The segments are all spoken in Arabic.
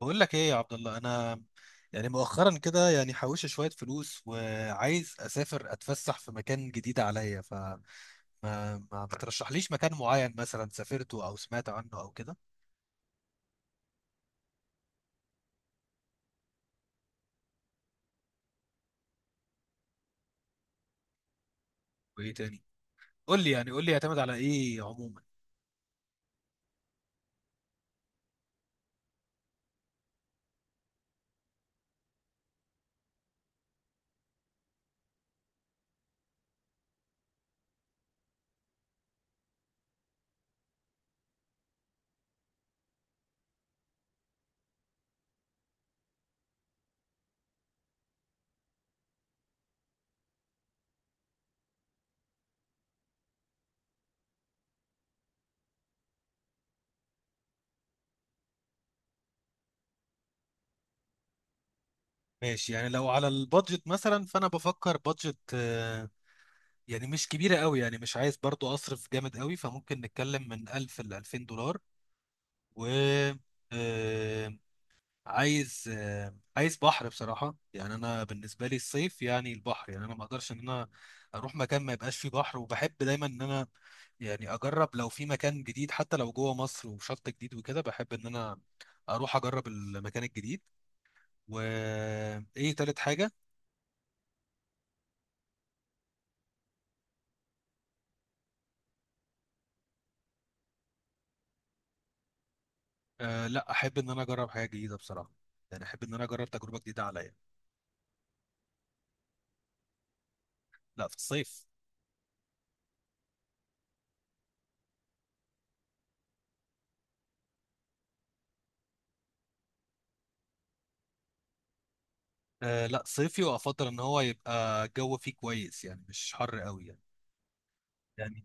بقول لك ايه يا عبد الله، انا يعني مؤخرا كده يعني حوشت شويه فلوس وعايز اسافر اتفسح في مكان جديد عليا. فما ما ما بترشحليش مكان معين مثلا سافرته او سمعت عنه او كده؟ وايه تاني؟ قول لي يعني قول لي يعتمد على ايه عموما. ماشي، يعني لو على البادجت مثلا فانا بفكر بادجت، يعني مش كبيره قوي، يعني مش عايز برضو اصرف جامد قوي، فممكن نتكلم من 1000 ل $2000. و آه، عايز بحر بصراحة. يعني أنا بالنسبة لي الصيف، يعني البحر، يعني أنا ما أقدرش إن أنا أروح مكان ما يبقاش فيه بحر. وبحب دايما إن أنا يعني أجرب لو في مكان جديد، حتى لو جوه مصر وشط جديد وكده، بحب إن أنا أروح أجرب المكان الجديد. وإيه تالت حاجة؟ أه، لا، أحب إن أنا أجرب حاجة جديدة بصراحة، يعني أحب إن أنا أجرب تجربة جديدة عليا. لا، في الصيف. أه لا، صيفي، وأفضل إن هو يبقى الجو فيه كويس، يعني مش حر قوي، يعني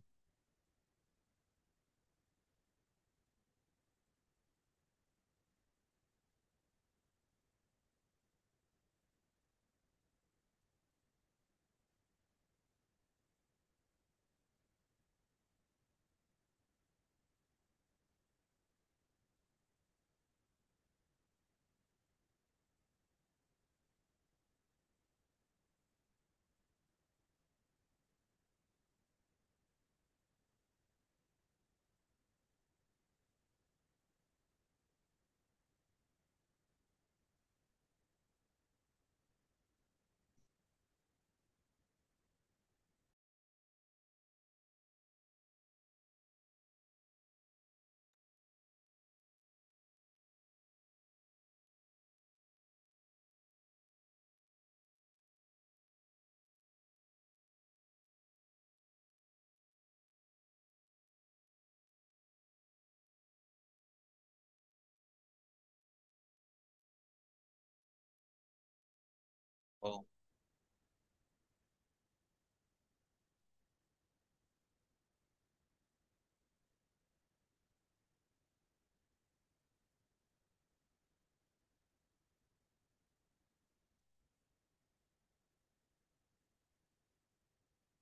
اه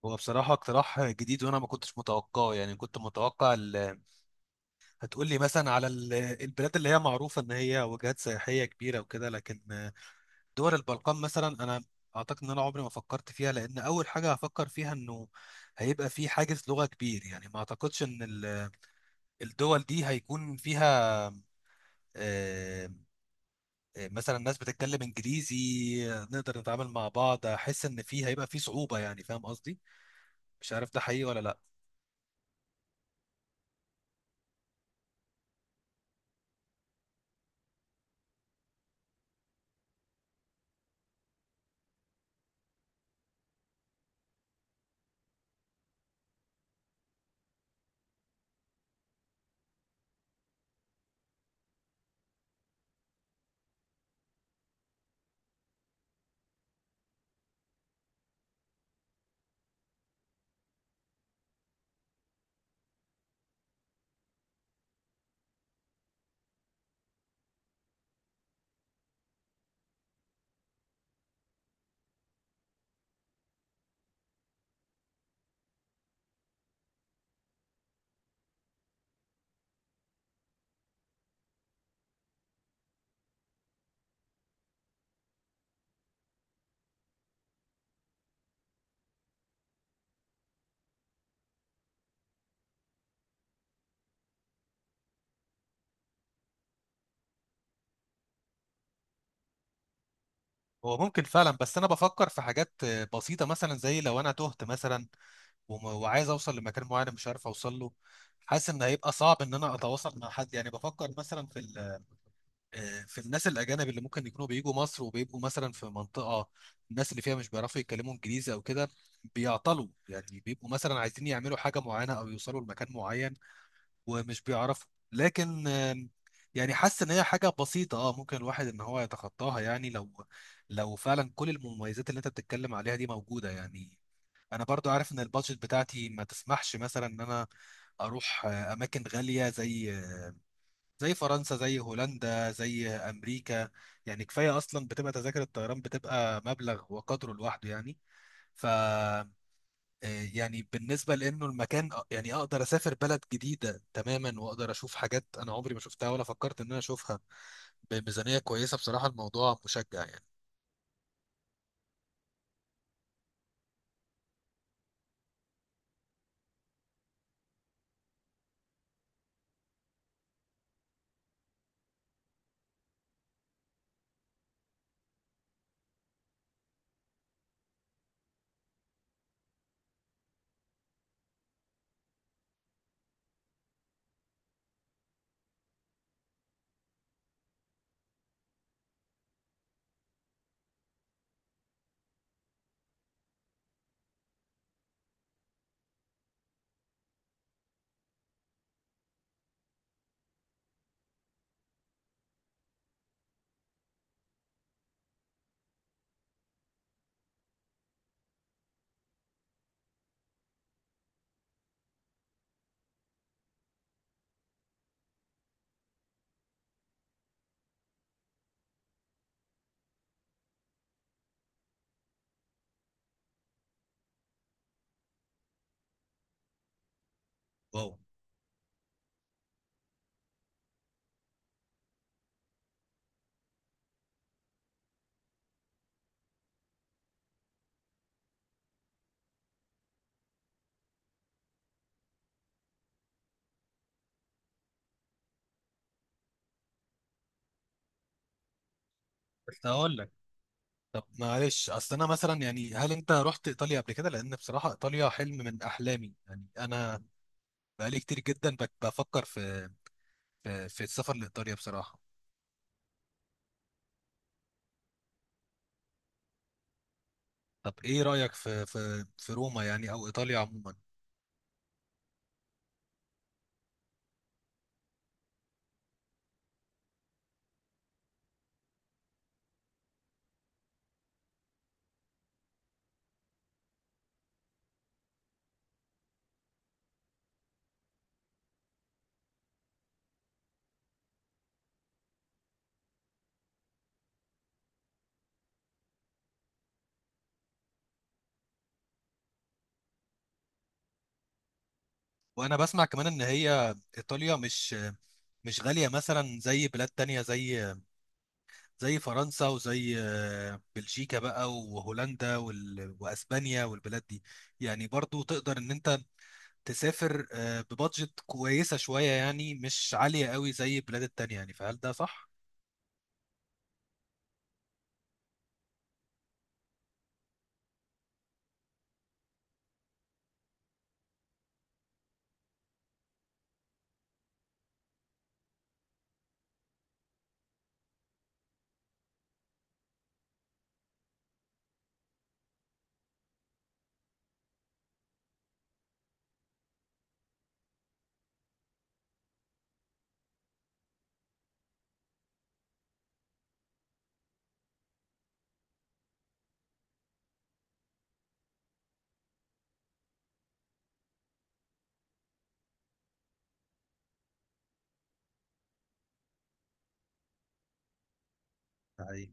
هو بصراحة اقتراح جديد وأنا ما كنتش متوقعه، يعني كنت متوقع هتقول لي مثلا على البلاد اللي هي معروفة إن هي وجهات سياحية كبيرة وكده، لكن دول البلقان مثلا أنا أعتقد إن أنا عمري ما فكرت فيها، لأن أول حاجة هفكر فيها إنه هيبقى في حاجز لغة كبير، يعني ما أعتقدش إن الدول دي هيكون فيها آه، مثلا ناس بتتكلم إنجليزي نقدر نتعامل مع بعض. أحس إن في هيبقى في صعوبة، يعني، فاهم قصدي؟ مش عارف ده حقيقي ولا لأ. هو ممكن فعلا، بس انا بفكر في حاجات بسيطه، مثلا زي لو انا تهت مثلا وعايز اوصل لمكان معين مش عارف اوصل له. حاسس ان هيبقى صعب ان انا اتواصل مع حد، يعني بفكر مثلا في ال- آه، في الناس الاجانب اللي ممكن يكونوا بيجوا مصر وبيبقوا مثلا في منطقه الناس اللي فيها مش بيعرفوا يتكلموا انجليزي او كده، بيعطلوا يعني، بيبقوا مثلا عايزين يعملوا حاجه معينه او يوصلوا لمكان معين ومش بيعرفوا، لكن يعني حاسس ان هي حاجه بسيطه، اه، ممكن الواحد ان هو يتخطاها، يعني لو فعلا كل المميزات اللي انت بتتكلم عليها دي موجوده يعني. انا برضو عارف ان البادجت بتاعتي ما تسمحش مثلا ان انا اروح اماكن غاليه، زي فرنسا، زي هولندا، زي امريكا، يعني كفايه اصلا بتبقى تذاكر الطيران بتبقى مبلغ وقدره لوحده يعني. ف آه، يعني بالنسبة لأنه المكان، يعني أقدر أسافر بلد جديدة تماما وأقدر أشوف حاجات أنا عمري ما شفتها ولا فكرت إن أنا أشوفها بميزانية كويسة، بصراحة الموضوع مشجع يعني. واو! بس هقول لك، طب معلش، أصل أنا مثلا، يعني هل أنت رحت إيطاليا قبل كده؟ لأن بصراحة إيطاليا حلم من أحلامي، يعني أنا بقالي كتير جدا بفكر في السفر لإيطاليا بصراحة. طب إيه رأيك في روما، يعني أو إيطاليا عموما؟ وأنا بسمع كمان إن هي إيطاليا مش غالية مثلا زي بلاد تانية، زي فرنسا، وزي بلجيكا بقى، وهولندا، وأسبانيا، والبلاد دي، يعني برضو تقدر إن أنت تسافر ببادجت كويسة شوية، يعني مش عالية قوي زي البلاد التانية يعني، فهل ده صح؟ أي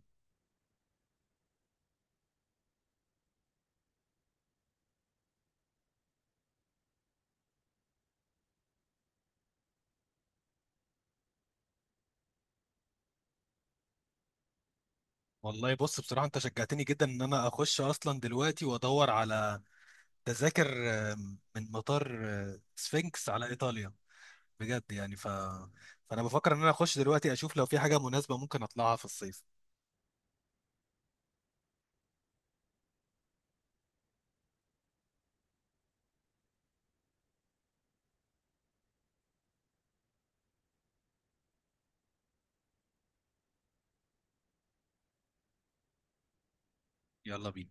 والله. بص بصراحة أنت شجعتني جدا إن أنا أخش أصلا دلوقتي وأدور على تذاكر، من مطار سفنكس، على إيطاليا بجد، يعني فأنا بفكر إن أنا أخش دلوقتي أشوف لو في حاجة مناسبة ممكن أطلعها في الصيف. يلا بينا.